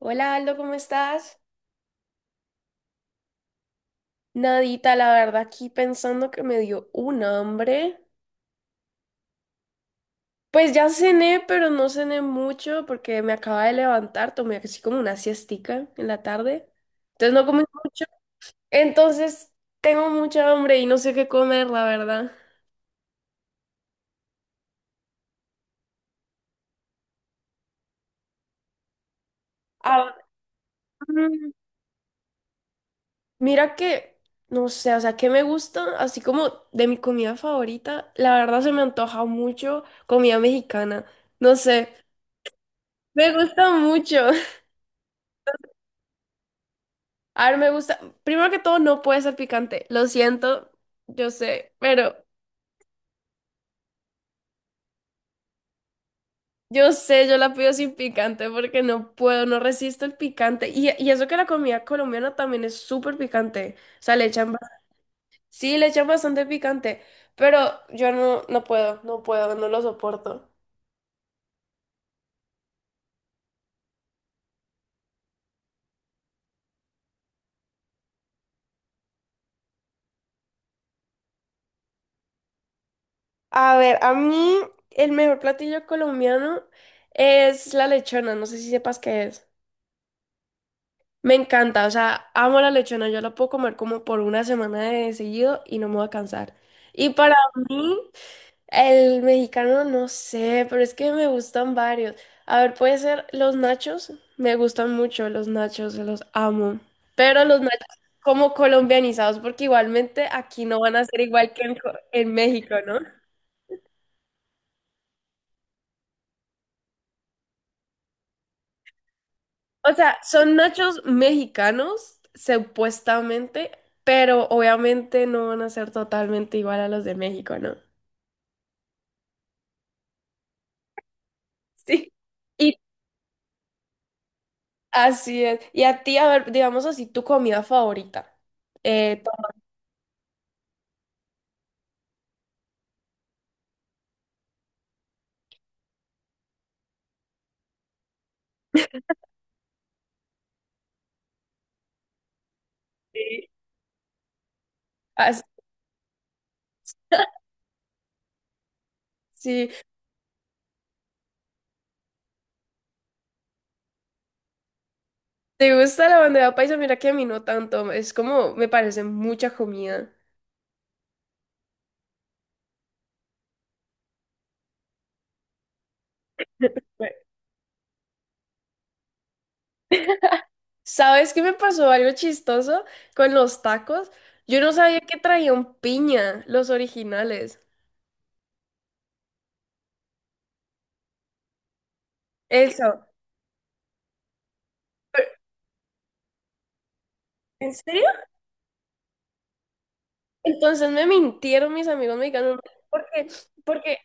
Hola Aldo, ¿cómo estás? Nadita, la verdad, aquí pensando que me dio un hambre. Pues ya cené, pero no cené mucho porque me acaba de levantar, tomé así como una siestica en la tarde. Entonces no comí mucho. Entonces tengo mucha hambre y no sé qué comer, la verdad. Ah, mm, mira que, no sé, o sea, que me gusta, así como de mi comida favorita, la verdad se me antoja mucho comida mexicana. No sé, me gusta mucho. A ver, me gusta. Primero que todo, no puede ser picante. Lo siento, yo sé, pero yo sé, yo la pido sin picante porque no puedo, no resisto el picante. Y eso que la comida colombiana también es súper picante. O sea, le echan, sí, le echan bastante picante, pero yo no, no puedo, no puedo, no lo soporto. A ver, a mí el mejor platillo colombiano es la lechona. No sé si sepas qué es. Me encanta, o sea, amo la lechona, yo la puedo comer como por una semana de seguido y no me voy a cansar. Y para mí, el mexicano no sé, pero es que me gustan varios. A ver, puede ser los nachos, me gustan mucho los nachos, los amo. Pero los nachos como colombianizados, porque igualmente aquí no van a ser igual que en, en México, ¿no? O sea, son nachos mexicanos, supuestamente, pero obviamente no van a ser totalmente igual a los de México, ¿no? Sí. Y así es. Y a ti, a ver, digamos así, tu comida favorita. Eh, Sí. Así, si te gusta la bandeja paisa, mira que a mí no tanto. Es como, me parece mucha comida. Bueno, ¿sabes qué me pasó algo chistoso con los tacos? Yo no sabía que traían piña, los originales. Eso. ¿En serio? Entonces me mintieron mis amigos mexicanos porque, porque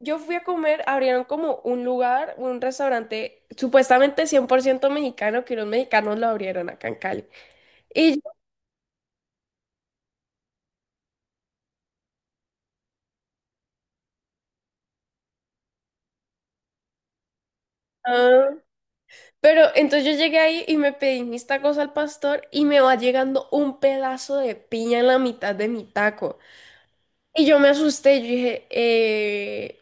yo fui a comer, abrieron como un lugar, un restaurante supuestamente 100% mexicano, que unos mexicanos lo abrieron acá en Cali. Y yo, ah, pero entonces yo llegué ahí y me pedí mis tacos al pastor y me va llegando un pedazo de piña en la mitad de mi taco. Y yo me asusté, yo dije,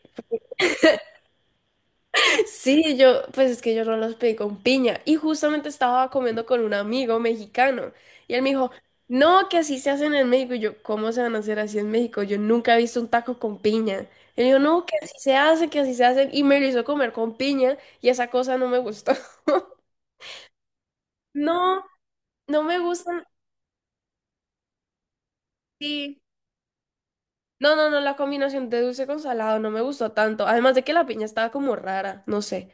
sí, yo, pues es que yo no los pedí con piña. Y justamente estaba comiendo con un amigo mexicano. Y él me dijo, no, que así se hacen en México. Y yo, ¿cómo se van a hacer así en México? Yo nunca he visto un taco con piña. Él dijo, no, que así se hace, que así se hacen. Y me lo hizo comer con piña. Y esa cosa no me gustó. No, no me gustan. Sí. No, no, no, la combinación de dulce con salado no me gustó tanto. Además de que la piña estaba como rara, no sé.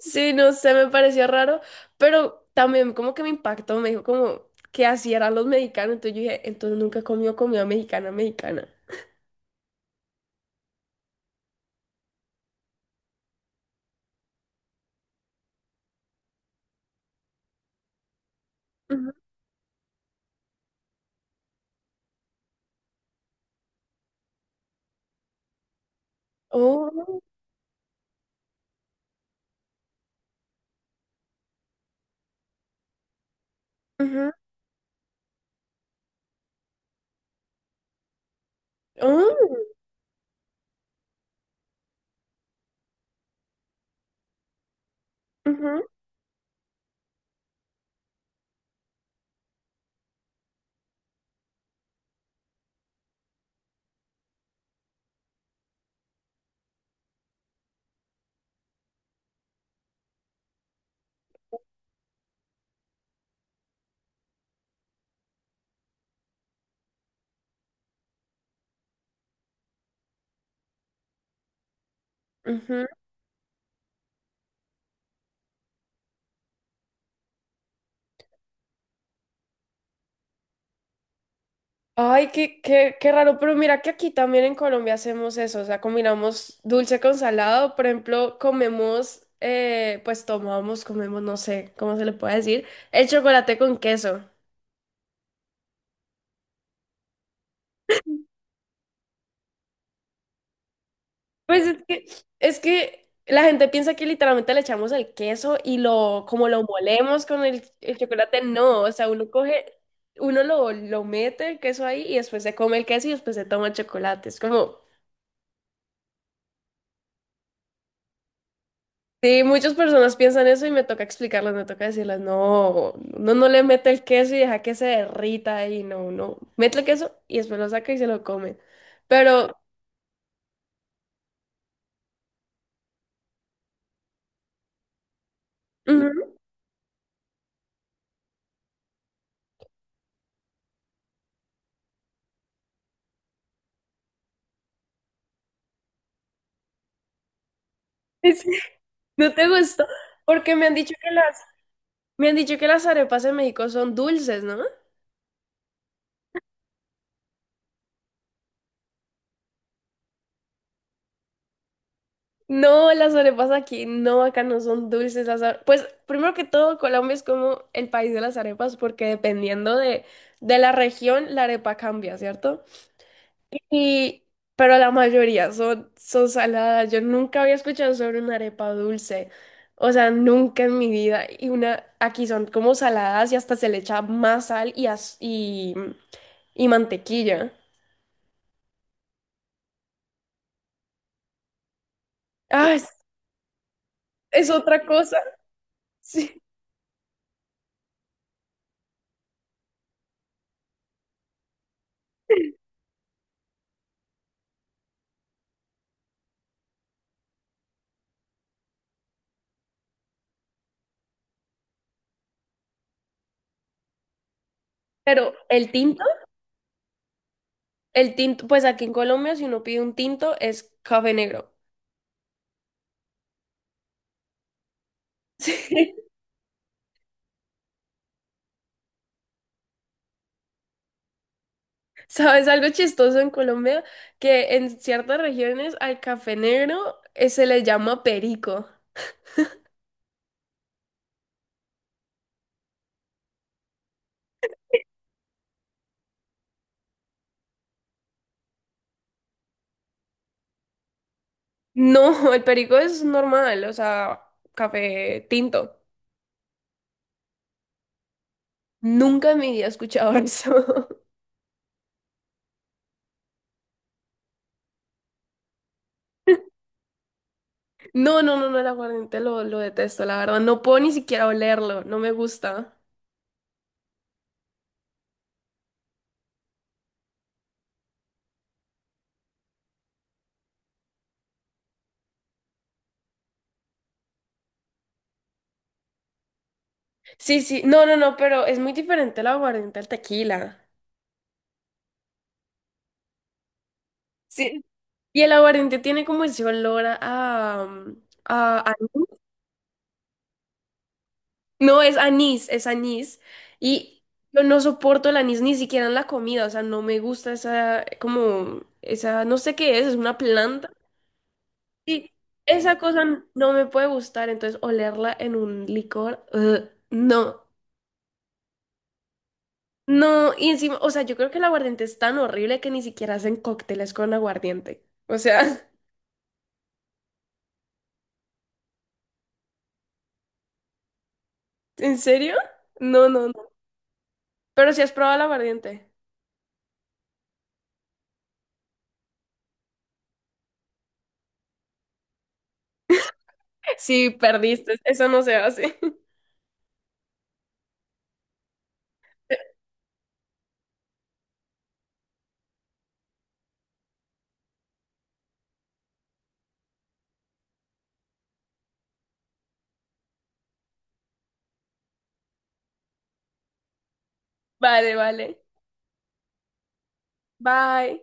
Sí, no sé, me pareció raro, pero también como que me impactó, me dijo como que así eran los mexicanos, entonces yo dije, entonces nunca comió comida mexicana, mexicana. Ujú. Oh, ujú, oh, ujú, ujú. Ay, qué, qué, qué raro, pero mira que aquí también en Colombia hacemos eso, o sea, combinamos dulce con salado, por ejemplo, comemos, pues tomamos, comemos, no sé cómo se le puede decir, el chocolate con queso. Pues es que la gente piensa que literalmente le echamos el queso y lo, como lo molemos con el chocolate, no, o sea, uno coge, uno lo mete el queso ahí y después se come el queso y después se toma el chocolate. Es como, sí, muchas personas piensan eso y me toca explicarles, me toca decirles, no, no no le mete el queso y deja que se derrita ahí, no, no, mete el queso y después lo saca y se lo come. Pero, ujú, es- no te gustó, porque me han dicho que la me han dicho que las arepas en México son dulces, ¿no? No, las arepas aquí, no, acá no son dulces las arepas. Pues primero que todo, Colombia es como el país de las arepas porque dependiendo de la región, la arepa cambia, ¿cierto? Y, pero la mayoría son, son saladas. Yo nunca había escuchado sobre una arepa dulce. O sea, nunca en mi vida. Y una, aquí son como saladas y hasta se le echa más sal y, y mantequilla. Ah, es otra cosa. Sí. Pero el tinto, pues aquí en Colombia, si uno pide un tinto, es café negro. Sí. ¿Sabes algo chistoso en Colombia? Que en ciertas regiones al café negro se le llama perico. No, el perico es normal, o sea, café tinto. Nunca en mi vida he escuchado eso. No, no, no, no, el aguardiente lo detesto, la verdad. No puedo ni siquiera olerlo, no me gusta. Sí, sí, no, no, no, pero es muy diferente el aguardiente al tequila. Sí. Y el aguardiente tiene como ese olor a, a- a- no, es anís, es anís. Y yo no soporto el anís ni siquiera en la comida, o sea, no me gusta esa, como, esa, no sé qué es una planta. Sí, esa cosa no me puede gustar, entonces olerla en un licor, ugh, no. No, y encima, o sea, yo creo que el aguardiente es tan horrible que ni siquiera hacen cócteles con aguardiente. O sea, ¿en serio? No, no, no. Pero si has probado el aguardiente. Sí, perdiste. Eso no se hace. Vale, vale. Bye.